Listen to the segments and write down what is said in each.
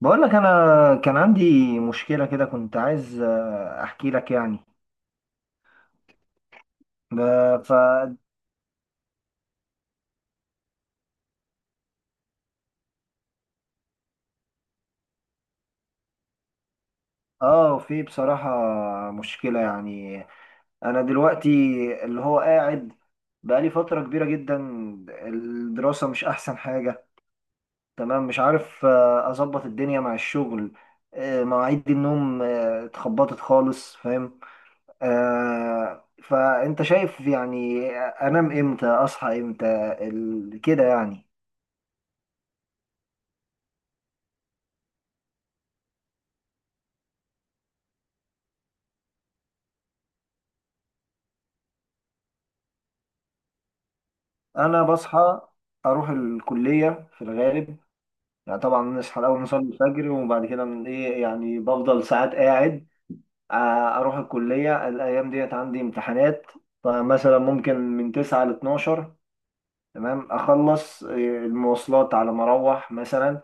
بقول لك انا كان عندي مشكله كده، كنت عايز احكي لك يعني. ب- ف اه في بصراحه مشكله يعني. انا دلوقتي اللي هو قاعد بقالي فتره كبيره جدا الدراسه مش احسن حاجه، تمام. مش عارف اظبط الدنيا مع الشغل، مواعيد النوم اتخبطت خالص، فاهم. فانت شايف يعني انام امتى اصحى امتى كده يعني. انا بصحى اروح الكليه في الغالب، يعني طبعا نصحى الاول نصلي الفجر وبعد كده من ايه يعني بفضل ساعات قاعد. اروح الكليه الايام ديت عندي امتحانات، فمثلا ممكن من 9 ل 12، تمام اخلص. المواصلات على ما اروح مثلا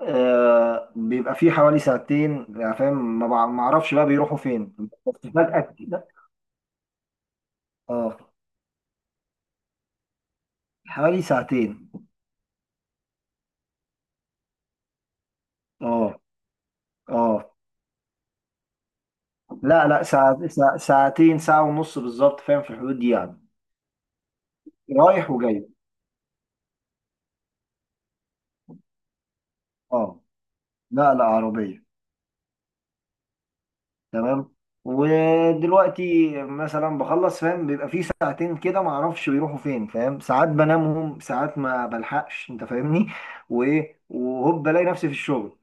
بيبقى في حوالي ساعتين يعني، فاهم. ما اعرفش بقى بيروحوا فين بس فجاه كده. اه حوالي ساعتين. اه. اه. لا لا، ساعة ساعتين، ساعة ونص بالظبط، فاهم، في الحدود دي يعني. رايح وجاي، اه. لا لا عربية، تمام. ودلوقتي مثلا بخلص، فاهم، بيبقى في ساعتين كده ما اعرفش بيروحوا فين، فاهم، ساعات بنامهم ساعات ما بلحقش، انت فاهمني. وايه، وهوب بلاقي نفسي في الشغل،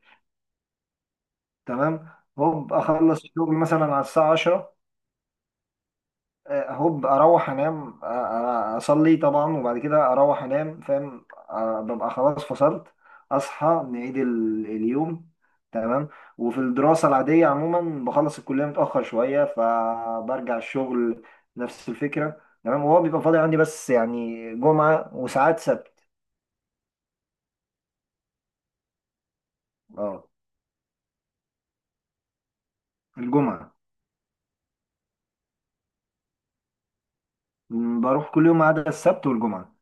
تمام. هوب اخلص الشغل مثلا على الساعة 10، هوب اروح انام، اصلي طبعا وبعد كده اروح انام، فاهم، ببقى خلاص فصلت. اصحى نعيد اليوم، تمام. وفي الدراسة العادية عموما بخلص الكلية متأخر شوية فبرجع الشغل نفس الفكرة، تمام. وهو بيبقى فاضي عندي بس يعني جمعة وساعات سبت. اه، الجمعة. بروح كل يوم ما عدا السبت والجمعة.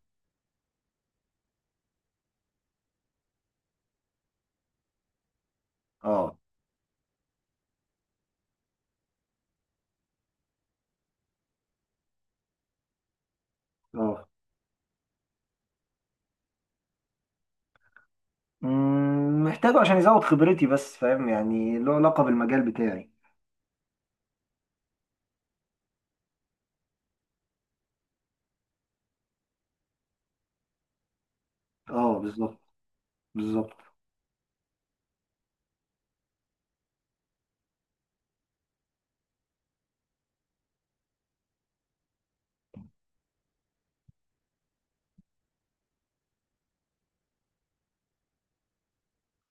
اه. اه. محتاجه عشان يزود خبرتي، بس فاهم يعني له علاقة بالمجال بتاعي. اه بالظبط. بالظبط.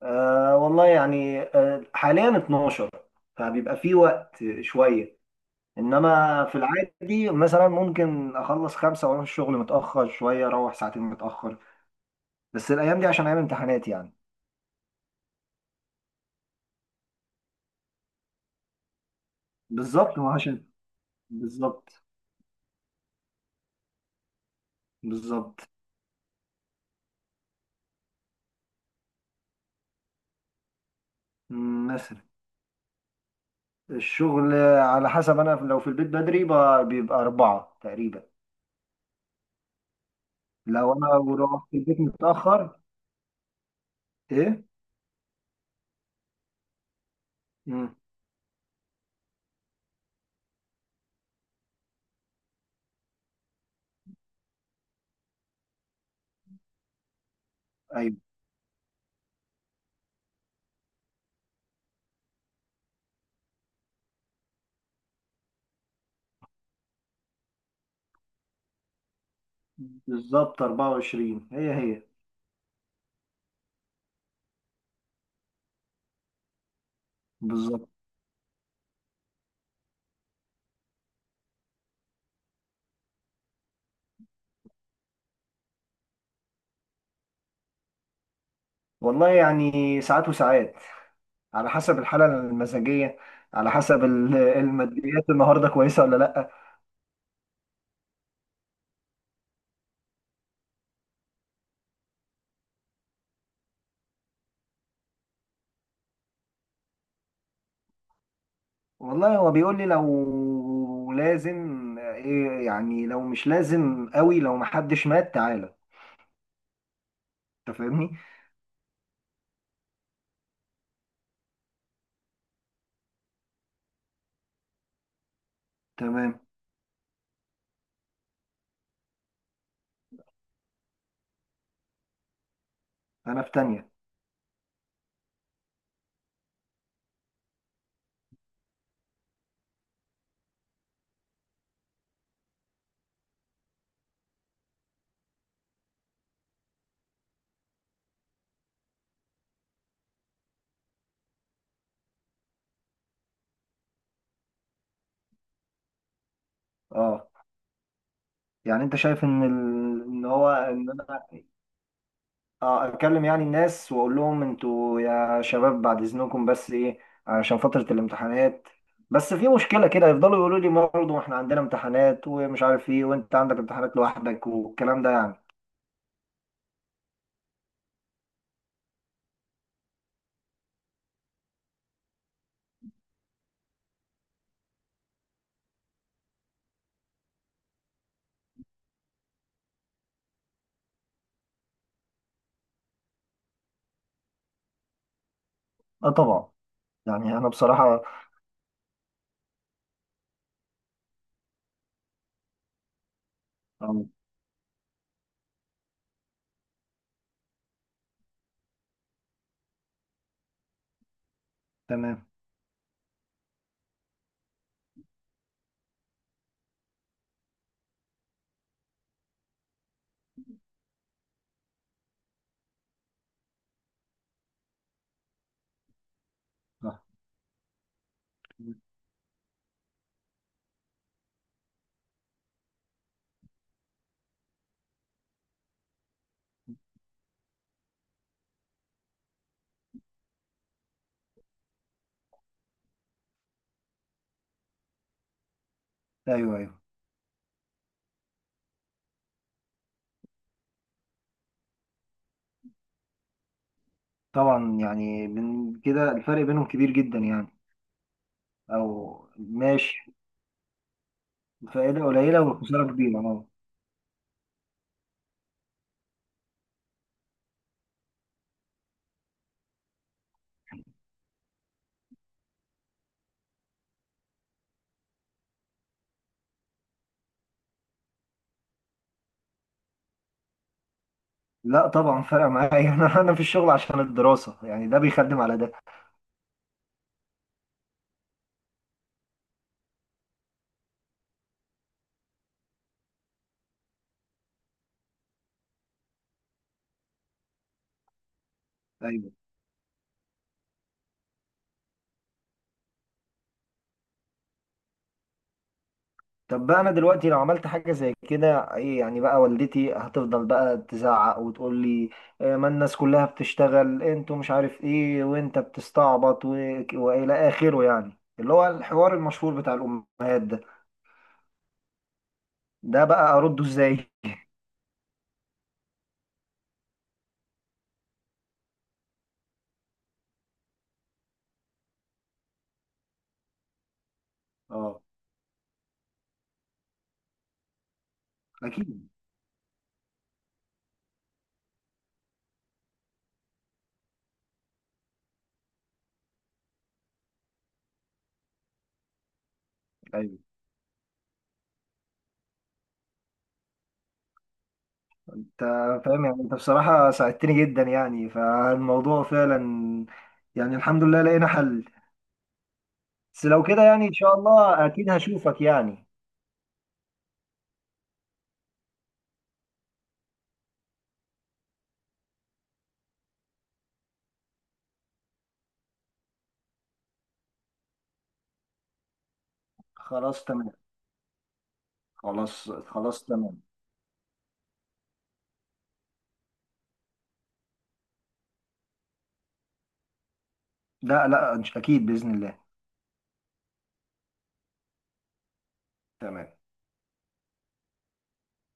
والله يعني، حاليا 12، فبيبقى في وقت شوية. انما في العادي مثلا ممكن اخلص خمسة واروح الشغل متأخر شوية، اروح ساعتين متأخر، بس الايام دي عشان ايام امتحانات يعني. بالظبط، ما عشان. بالظبط بالظبط. مثلا. الشغل على حسب، انا لو في البيت بدري بيبقى أربعة تقريبا. لو انا رحت البيت متأخر، ايه. مم، ايوه. بالظبط 24، هي هي. بالظبط. والله يعني ساعات وساعات، على حسب الحالة المزاجية، على حسب الماديات النهاردة كويسة ولا لأ. والله هو بيقول لي لو لازم إيه يعني، لو مش لازم قوي لو محدش مات تعالى. انت فاهمني، تمام. انا في تانية. اه، يعني انت شايف ان ال... ان هو ان انا اه اكلم يعني الناس واقول لهم انتوا يا شباب بعد اذنكم، بس ايه، عشان فترة الامتحانات. بس في مشكلة كده، يفضلوا يقولوا لي برضه احنا عندنا امتحانات ومش عارف ايه، وانت عندك امتحانات لوحدك، والكلام ده يعني. اه طبعا. يعني انا بصراحة. اه. تمام. صح. ايوه. ايوه طبعا، يعني من كده الفرق بينهم كبير جدا يعني. او ماشي. الفائدة قليلة والخسارة كبيرة، اه. لا طبعا فرق معايا انا في الشغل عشان الدراسة يعني، ده بيخدم على ده. أيوه. طب بقى انا دلوقتي لو عملت حاجه زي كده ايه يعني، بقى والدتي هتفضل بقى تزعق وتقول لي ما الناس كلها بتشتغل انتوا مش عارف ايه وانت بتستعبط، والى اخره، يعني اللي هو الحوار المشهور بتاع الامهات ده. ده بقى ارده ازاي؟ اه اكيد. ايوه. انت فاهم يعني، انت بصراحه ساعدتني جدا يعني فالموضوع فعلا، يعني الحمد لله لقينا حل. بس لو كده يعني ان شاء الله اكيد هشوفك يعني. خلاص تمام. خلاص خلاص تمام. لا لا مش اكيد باذن الله. تمام.